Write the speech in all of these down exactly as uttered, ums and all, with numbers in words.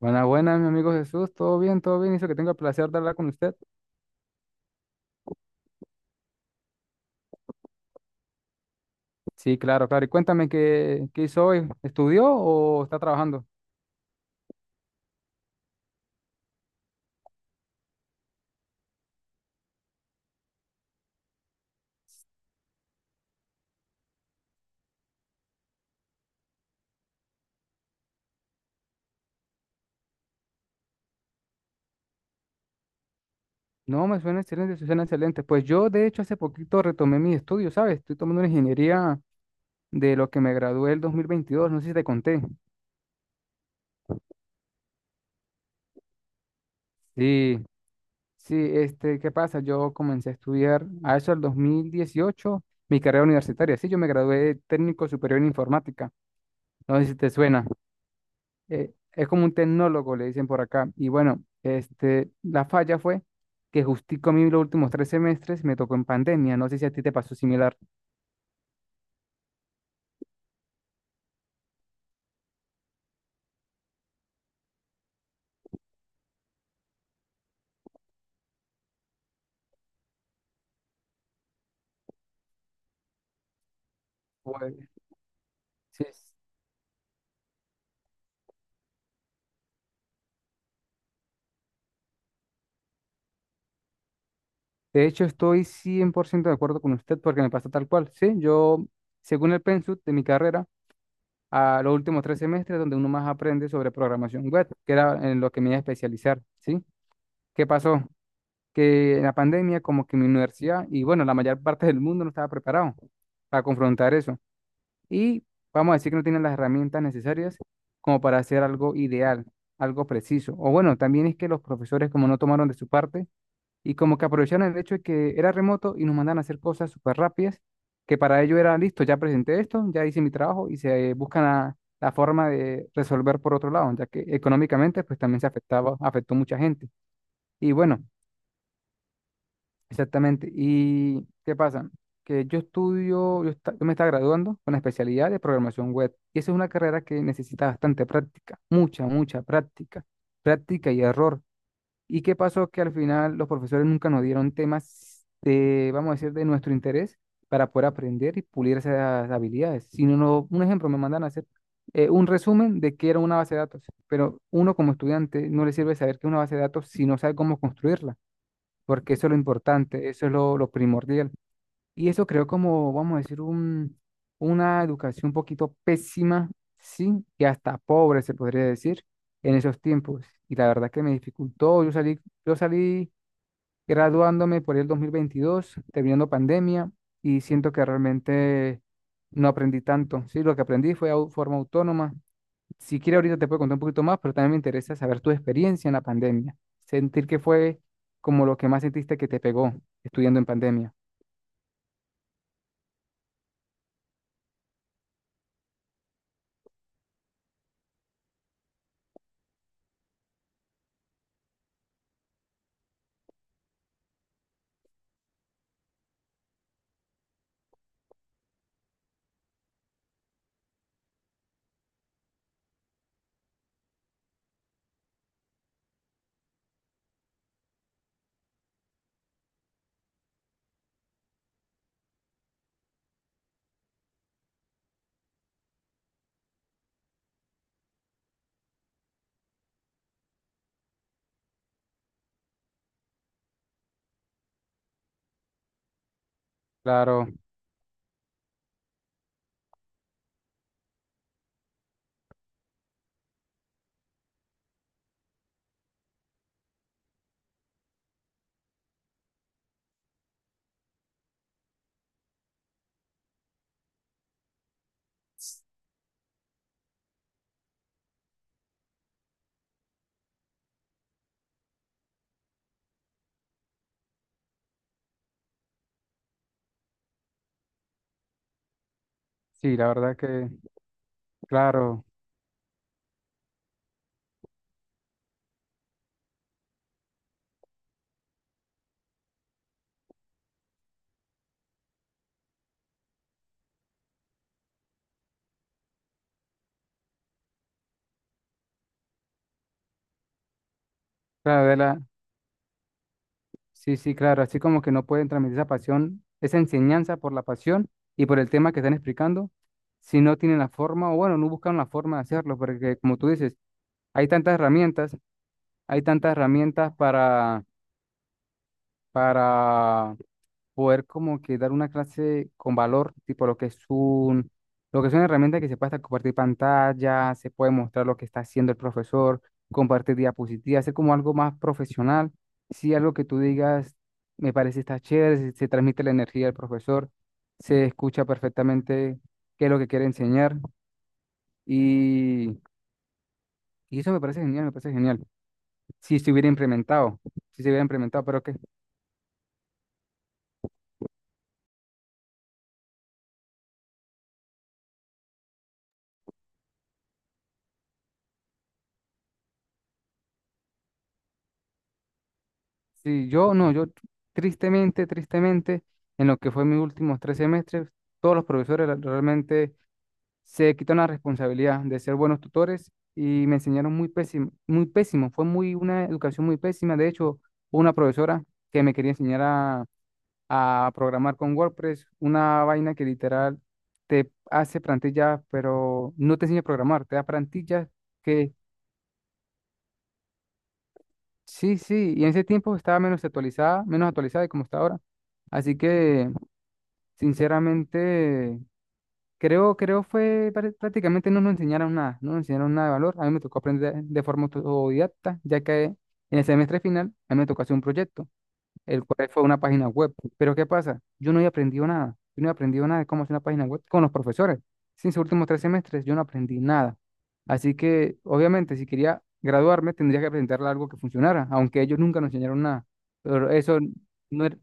Buenas, buenas, mi amigo Jesús. ¿Todo bien? ¿Todo bien? Hizo que tenga el placer de hablar con usted. Sí, claro, claro. Y cuéntame, ¿qué, qué hizo hoy? ¿Estudió o está trabajando? No, me suena excelente, suena excelente. Pues yo, de hecho, hace poquito retomé mis estudios, ¿sabes? Estoy tomando una ingeniería de lo que me gradué el dos mil veintidós. No sé si te conté. Sí, sí, este, ¿qué pasa? Yo comencé a estudiar a eso el dieciocho mi carrera universitaria. Sí, yo me gradué de técnico superior en informática. No sé si te suena. Eh, es como un tecnólogo, le dicen por acá. Y bueno, este, la falla fue que justico a mí los últimos tres semestres me tocó en pandemia. No sé si a ti te pasó similar. Pues, sí. De hecho, estoy cien por ciento de acuerdo con usted porque me pasó tal cual. Sí, yo, según el pensum de mi carrera, a los últimos tres semestres donde uno más aprende sobre programación web, que era en lo que me iba a especializar, ¿sí? ¿Qué pasó? Que en la pandemia, como que mi universidad y bueno, la mayor parte del mundo no estaba preparado para confrontar eso. Y vamos a decir que no tienen las herramientas necesarias como para hacer algo ideal, algo preciso. O bueno, también es que los profesores como no tomaron de su parte y como que aprovecharon el hecho de que era remoto y nos mandan a hacer cosas súper rápidas, que para ello era listo, ya presenté esto, ya hice mi trabajo y se eh, buscan la, la forma de resolver por otro lado, ya que económicamente pues también se afectaba, afectó mucha gente. Y bueno. Exactamente. ¿Y qué pasa? Que yo estudio, yo, esta- yo me estaba graduando con la especialidad de programación web. Y esa es una carrera que necesita bastante práctica, mucha, mucha práctica, práctica y error. ¿Y qué pasó? Que al final los profesores nunca nos dieron temas de, vamos a decir, de nuestro interés para poder aprender y pulir esas habilidades. Si no, no- un ejemplo, me mandan a hacer eh, un resumen de qué era una base de datos, pero uno como estudiante no le sirve saber qué es una base de datos si no sabe cómo construirla porque eso es lo importante, eso es lo, lo primordial. Y eso creo como, vamos a decir, un, una educación un poquito pésima, sí, y hasta pobre se podría decir en esos tiempos. Y la verdad que me dificultó, yo salí, yo salí graduándome por ahí el dos mil veintidós terminando pandemia, y siento que realmente no aprendí tanto, sí, lo que aprendí fue de forma autónoma, si quiere ahorita te puedo contar un poquito más, pero también me interesa saber tu experiencia en la pandemia. Sentir que fue como lo que más sentiste que te pegó estudiando en pandemia. Claro, sí, la verdad que, claro, claro, de la, sí, sí, claro, así como que no pueden transmitir esa pasión, esa enseñanza por la pasión y por el tema que están explicando, si no tienen la forma, o bueno, no buscan la forma de hacerlo, porque como tú dices, hay tantas herramientas, hay tantas herramientas para, para poder como que dar una clase con valor, tipo lo que es un, lo que es una herramienta que se puede hasta compartir pantalla, se puede mostrar lo que está haciendo el profesor, compartir diapositivas, hacer como algo más profesional. Si algo que tú digas me parece está chévere, se, se transmite la energía del profesor, se escucha perfectamente qué es lo que quiere enseñar y, y eso me parece genial, me parece genial. Si se hubiera implementado, si se hubiera implementado, pero que. Sí, yo no, yo tristemente, tristemente, en lo que fue mis últimos tres semestres, todos los profesores la- realmente se quitaron la responsabilidad de ser buenos tutores y me enseñaron muy pésimo, muy pésimo, fue muy una educación muy pésima. De hecho, hubo una profesora que me quería enseñar a, a programar con WordPress, una vaina que literal te hace plantillas, pero no te enseña a programar, te da plantillas. Sí, sí, y en ese tiempo estaba menos actualizada, menos actualizada de como está ahora. Así que, sinceramente, creo, creo fue prá- prácticamente no nos enseñaron nada, no nos enseñaron nada de valor. A mí me tocó aprender de forma autodidacta, ya que en el semestre final, a mí me tocó hacer un proyecto el cual fue una página web. Pero ¿qué pasa? Yo no había aprendido nada. Yo no había aprendido nada de cómo hacer una página web con los profesores. Sin sus últimos tres semestres, yo no aprendí nada. Así que, obviamente, si quería graduarme, tendría que presentarle algo que funcionara, aunque ellos nunca nos enseñaron nada. Pero eso no era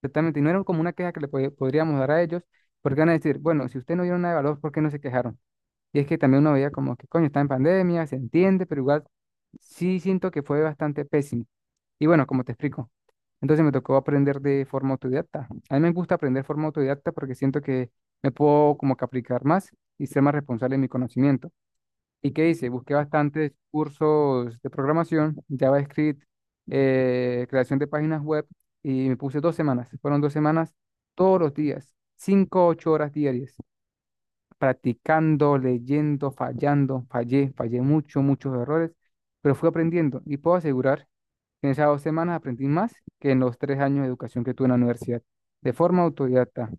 exactamente, no era como una queja que le pod- podríamos dar a ellos, porque van a decir, bueno, si ustedes no dieron nada de valor, ¿por qué no se quejaron? Y es que también uno veía como que, coño, está en pandemia, se entiende, pero igual sí siento que fue bastante pésimo. Y bueno, como te explico, entonces me tocó aprender de forma autodidacta. A mí me gusta aprender de forma autodidacta porque siento que me puedo como que aplicar más y ser más responsable en mi conocimiento. ¿Y qué hice? Busqué bastantes cursos de programación, JavaScript, eh, creación de páginas web y me puse dos semanas. Fueron dos semanas todos los días, cinco, ocho horas diarias practicando, leyendo, fallando, fallé, fallé mucho, muchos errores, pero fui aprendiendo y puedo asegurar que en esas dos semanas aprendí más que en los tres años de educación que tuve en la universidad, de forma autodidacta,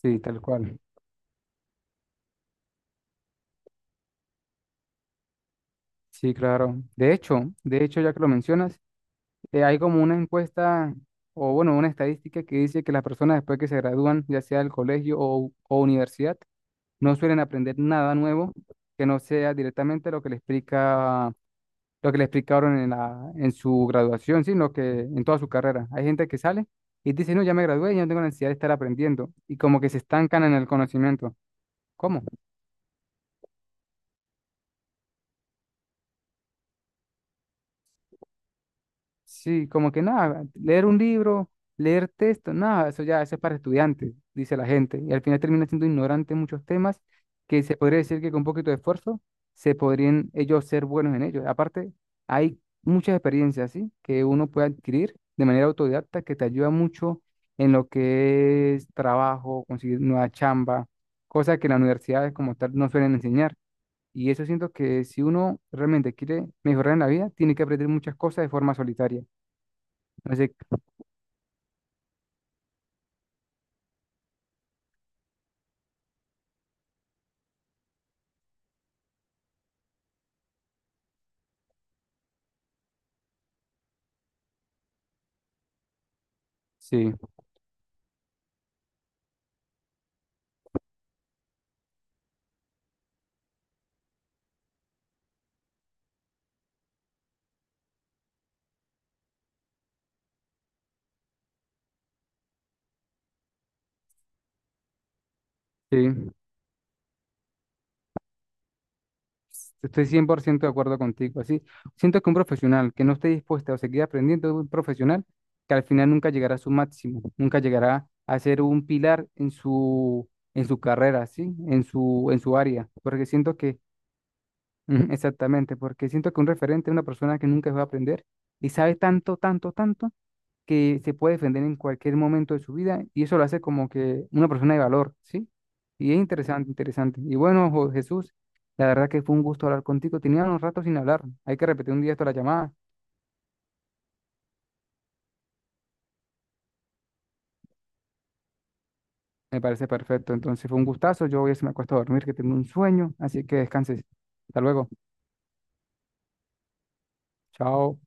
sí, tal cual, sí, claro. De hecho, de hecho, ya que lo mencionas, eh, hay como una encuesta o bueno, una estadística que dice que las personas después que se gradúan, ya sea del colegio o, o universidad, no suelen aprender nada nuevo que no sea directamente lo que le explica lo que le explicaron en la, en su graduación, sino que en toda su carrera. Hay gente que sale y dice, no, ya me gradué, ya no tengo necesidad de estar aprendiendo. Y como que se estancan en el conocimiento. ¿Cómo? Sí, como que nada, leer un libro, leer texto, nada, eso ya eso es para estudiantes, dice la gente. Y al final termina siendo ignorante en muchos temas que se podría decir que con un poquito de esfuerzo se podrían ellos ser buenos en ellos. Aparte, hay muchas experiencias, ¿sí? que uno puede adquirir de manera autodidacta que te ayuda mucho en lo que es trabajo, conseguir nueva chamba, cosas que en las universidades como tal no suelen enseñar. Y eso siento que si uno realmente quiere mejorar en la vida, tiene que aprender muchas cosas de forma solitaria. Así que sí, sí, estoy cien por ciento de acuerdo contigo. Así, siento que un profesional que no esté dispuesto a seguir aprendiendo es un profesional que al final nunca llegará a su máximo, nunca llegará a ser un pilar en su, en su carrera, ¿sí? En su, en su área. Porque siento que, ujú, exactamente, porque siento que un referente es una persona que nunca va a aprender y sabe tanto, tanto, tanto que se puede defender en cualquier momento de su vida y eso lo hace como que una persona de valor, ¿sí? Y es interesante, interesante. Y bueno, Jo- Jesús, la verdad que fue un gusto hablar contigo. Tenía unos ratos sin hablar. Hay que repetir un día esto la llamada. Me parece perfecto. Entonces fue un gustazo. Yo voy a irse me acuesto a dormir, que tengo un sueño. Así que descanses. Hasta luego. Chao.